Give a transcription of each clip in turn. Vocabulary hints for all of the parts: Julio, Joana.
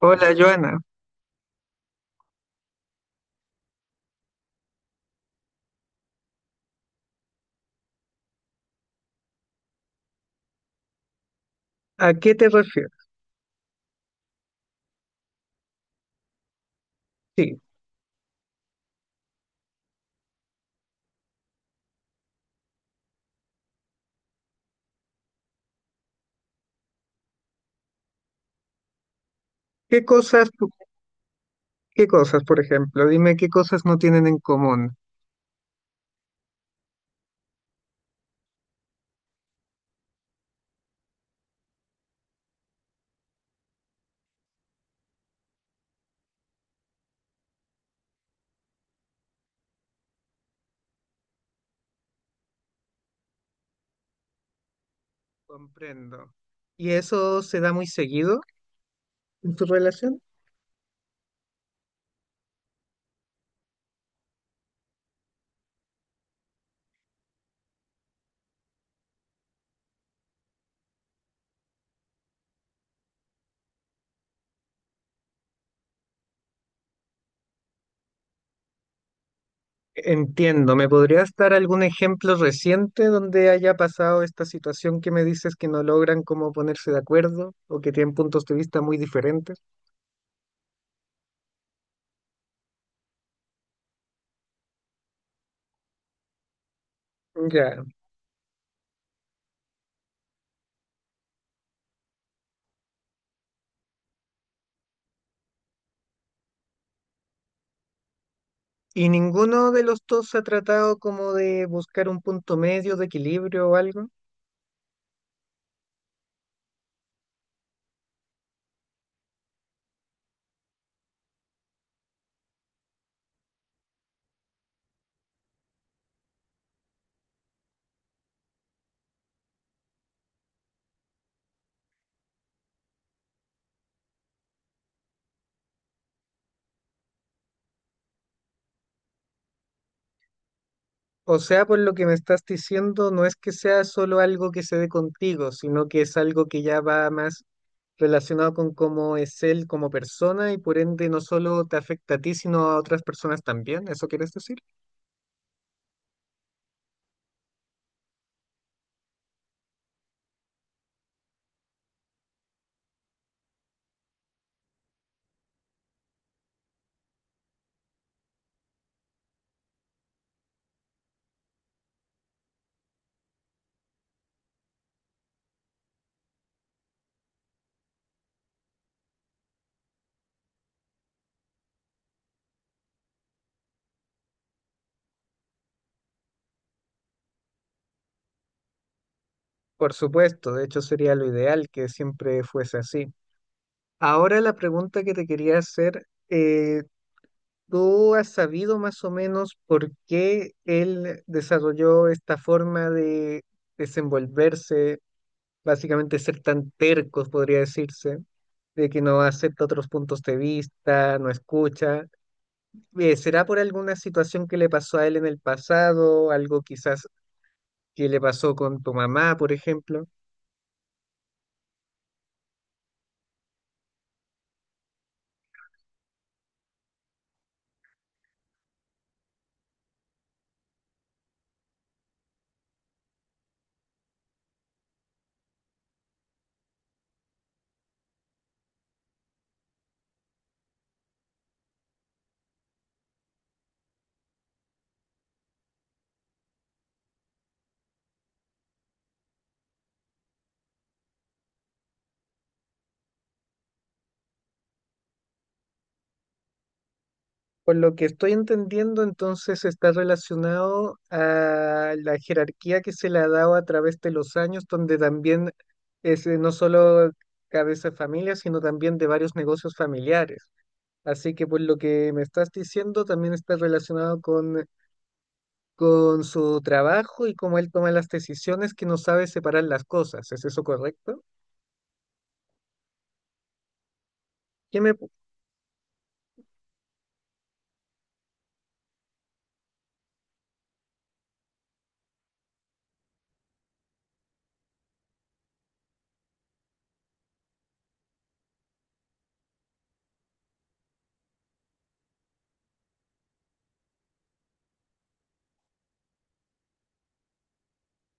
Hola, Joana. ¿A qué te refieres? Sí. ¿Qué cosas, qué cosas, por ejemplo? Dime qué cosas no tienen en común. Comprendo. ¿Y eso se da muy seguido en tu relación? Entiendo. ¿Me podrías dar algún ejemplo reciente donde haya pasado esta situación que me dices que no logran como ponerse de acuerdo o que tienen puntos de vista muy diferentes? Ya. ¿Y ninguno de los dos ha tratado como de buscar un punto medio de equilibrio o algo? O sea, por lo que me estás diciendo, no es que sea solo algo que se dé contigo, sino que es algo que ya va más relacionado con cómo es él como persona y por ende no solo te afecta a ti, sino a otras personas también. ¿Eso quieres decir? Por supuesto, de hecho sería lo ideal que siempre fuese así. Ahora la pregunta que te quería hacer, ¿tú has sabido más o menos por qué él desarrolló esta forma de desenvolverse? Básicamente ser tan tercos, podría decirse, de que no acepta otros puntos de vista, no escucha. ¿Será por alguna situación que le pasó a él en el pasado, algo quizás que le pasó con tu mamá, por ejemplo? Por lo que estoy entendiendo, entonces está relacionado a la jerarquía que se le ha dado a través de los años, donde también es no solo cabeza de familia, sino también de varios negocios familiares. Así que por lo que me estás diciendo, también está relacionado con su trabajo y cómo él toma las decisiones que no sabe separar las cosas. ¿Es eso correcto? ¿Qué me pu-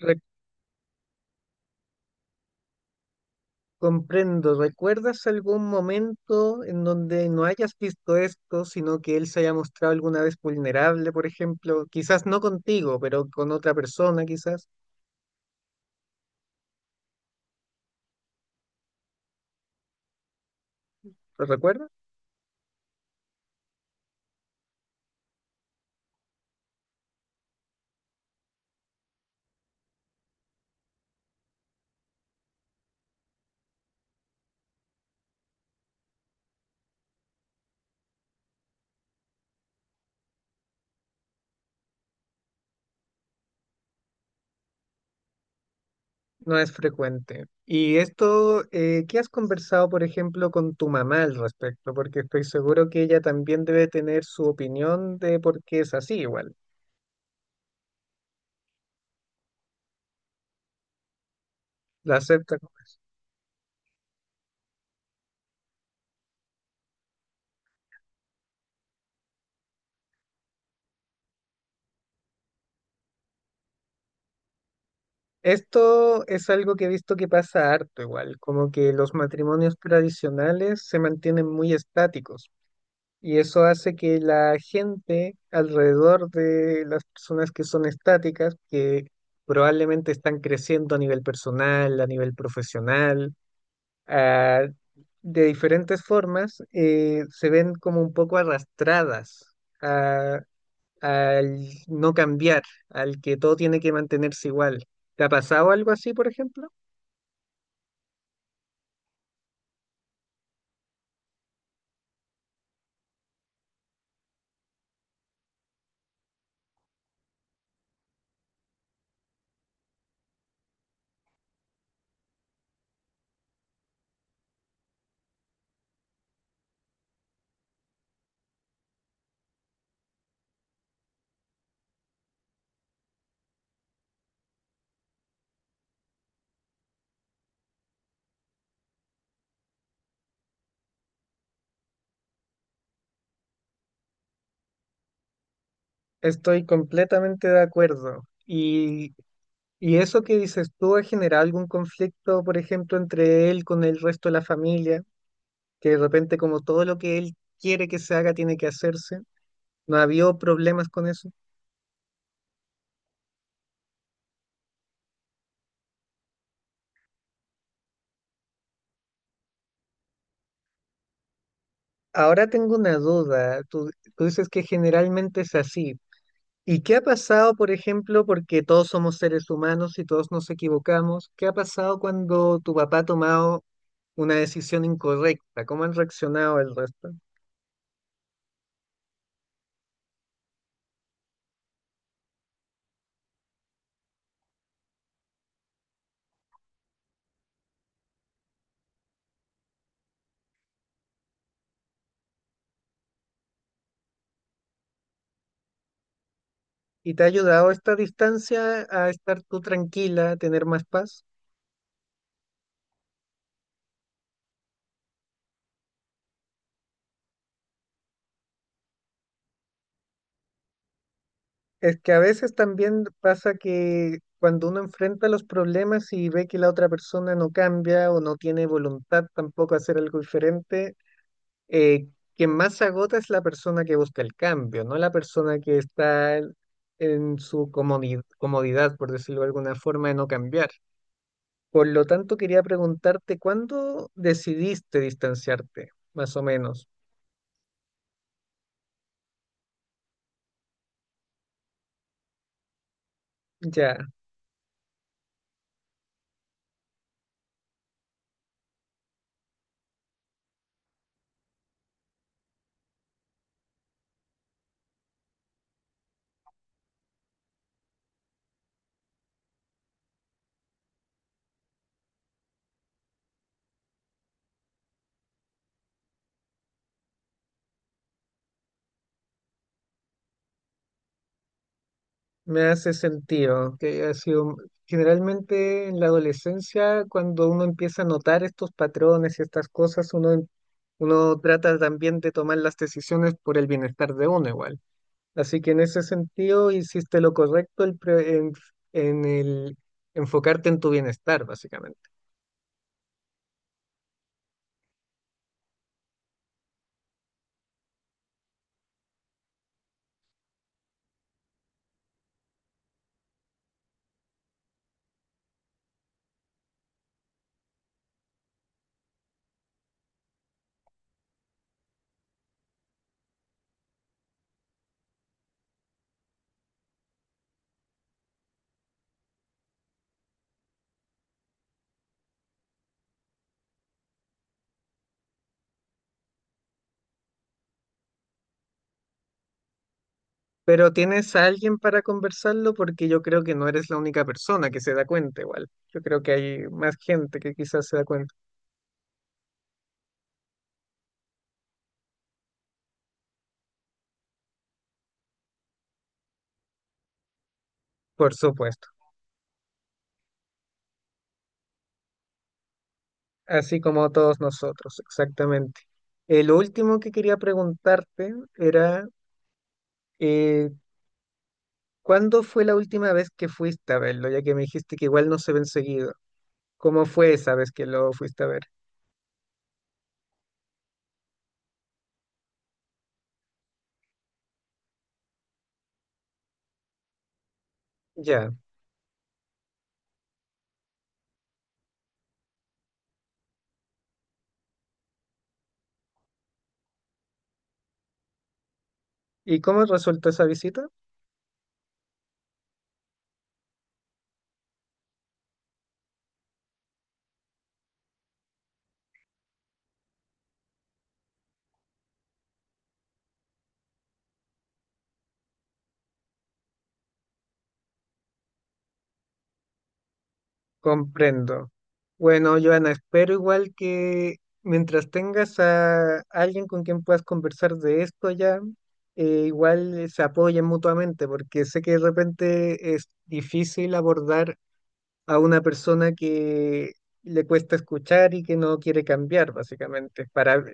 re- ¿Comprendo? ¿Recuerdas algún momento en donde no hayas visto esto, sino que él se haya mostrado alguna vez vulnerable, por ejemplo? Quizás no contigo, pero con otra persona, quizás. ¿Lo recuerdas? No es frecuente. Y esto, ¿qué has conversado, por ejemplo, con tu mamá al respecto? Porque estoy seguro que ella también debe tener su opinión de por qué es así igual. La acepta. Esto es algo que he visto que pasa harto igual, como que los matrimonios tradicionales se mantienen muy estáticos y eso hace que la gente alrededor de las personas que son estáticas, que probablemente están creciendo a nivel personal, a nivel profesional, ah, de diferentes formas, se ven como un poco arrastradas a- al no cambiar, al que todo tiene que mantenerse igual. ¿Te ha pasado algo así, por ejemplo? Estoy completamente de acuerdo. Y eso que dices tú ha generado algún conflicto, por ejemplo, entre él con el resto de la familia, que de repente como todo lo que él quiere que se haga tiene que hacerse. ¿No ha habido problemas con eso? Ahora tengo una duda. Tú dices que generalmente es así. ¿Y qué ha pasado, por ejemplo, porque todos somos seres humanos y todos nos equivocamos? ¿Qué ha pasado cuando tu papá ha tomado una decisión incorrecta? ¿Cómo han reaccionado el resto? ¿Y te ha ayudado esta distancia a estar tú tranquila, a tener más paz? Es que a veces también pasa que cuando uno enfrenta los problemas y ve que la otra persona no cambia o no tiene voluntad tampoco a hacer algo diferente, eh, quien más se agota es la persona que busca el cambio, no la persona que está en su comodidad, por decirlo de alguna forma, de no cambiar. Por lo tanto, quería preguntarte, ¿cuándo decidiste distanciarte, más o menos? Ya, me hace sentido que ha sido generalmente en la adolescencia, cuando uno empieza a notar estos patrones y estas cosas, uno trata también de tomar las decisiones por el bienestar de uno igual. Así que en ese sentido hiciste lo correcto el en el enfocarte en tu bienestar, básicamente. Pero tienes a alguien para conversarlo porque yo creo que no eres la única persona que se da cuenta igual. Yo creo que hay más gente que quizás se da cuenta, por supuesto, así como todos nosotros, exactamente. Lo último que quería preguntarte era, eh, ¿cuándo fue la última vez que fuiste a verlo? Ya que me dijiste que igual no se ven seguido. ¿Cómo fue esa vez que lo fuiste a ver? Ya. ¿Y cómo resultó esa visita? Comprendo. Bueno, Joana, espero igual que mientras tengas a alguien con quien puedas conversar de esto ya, igual se apoyen mutuamente, porque sé que de repente es difícil abordar a una persona que le cuesta escuchar y que no quiere cambiar, básicamente,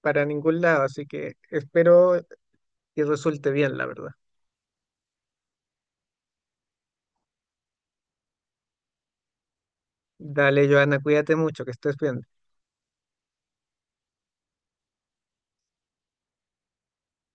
para ningún lado. Así que espero que resulte bien, la verdad. Dale, Joana, cuídate mucho, que estés bien.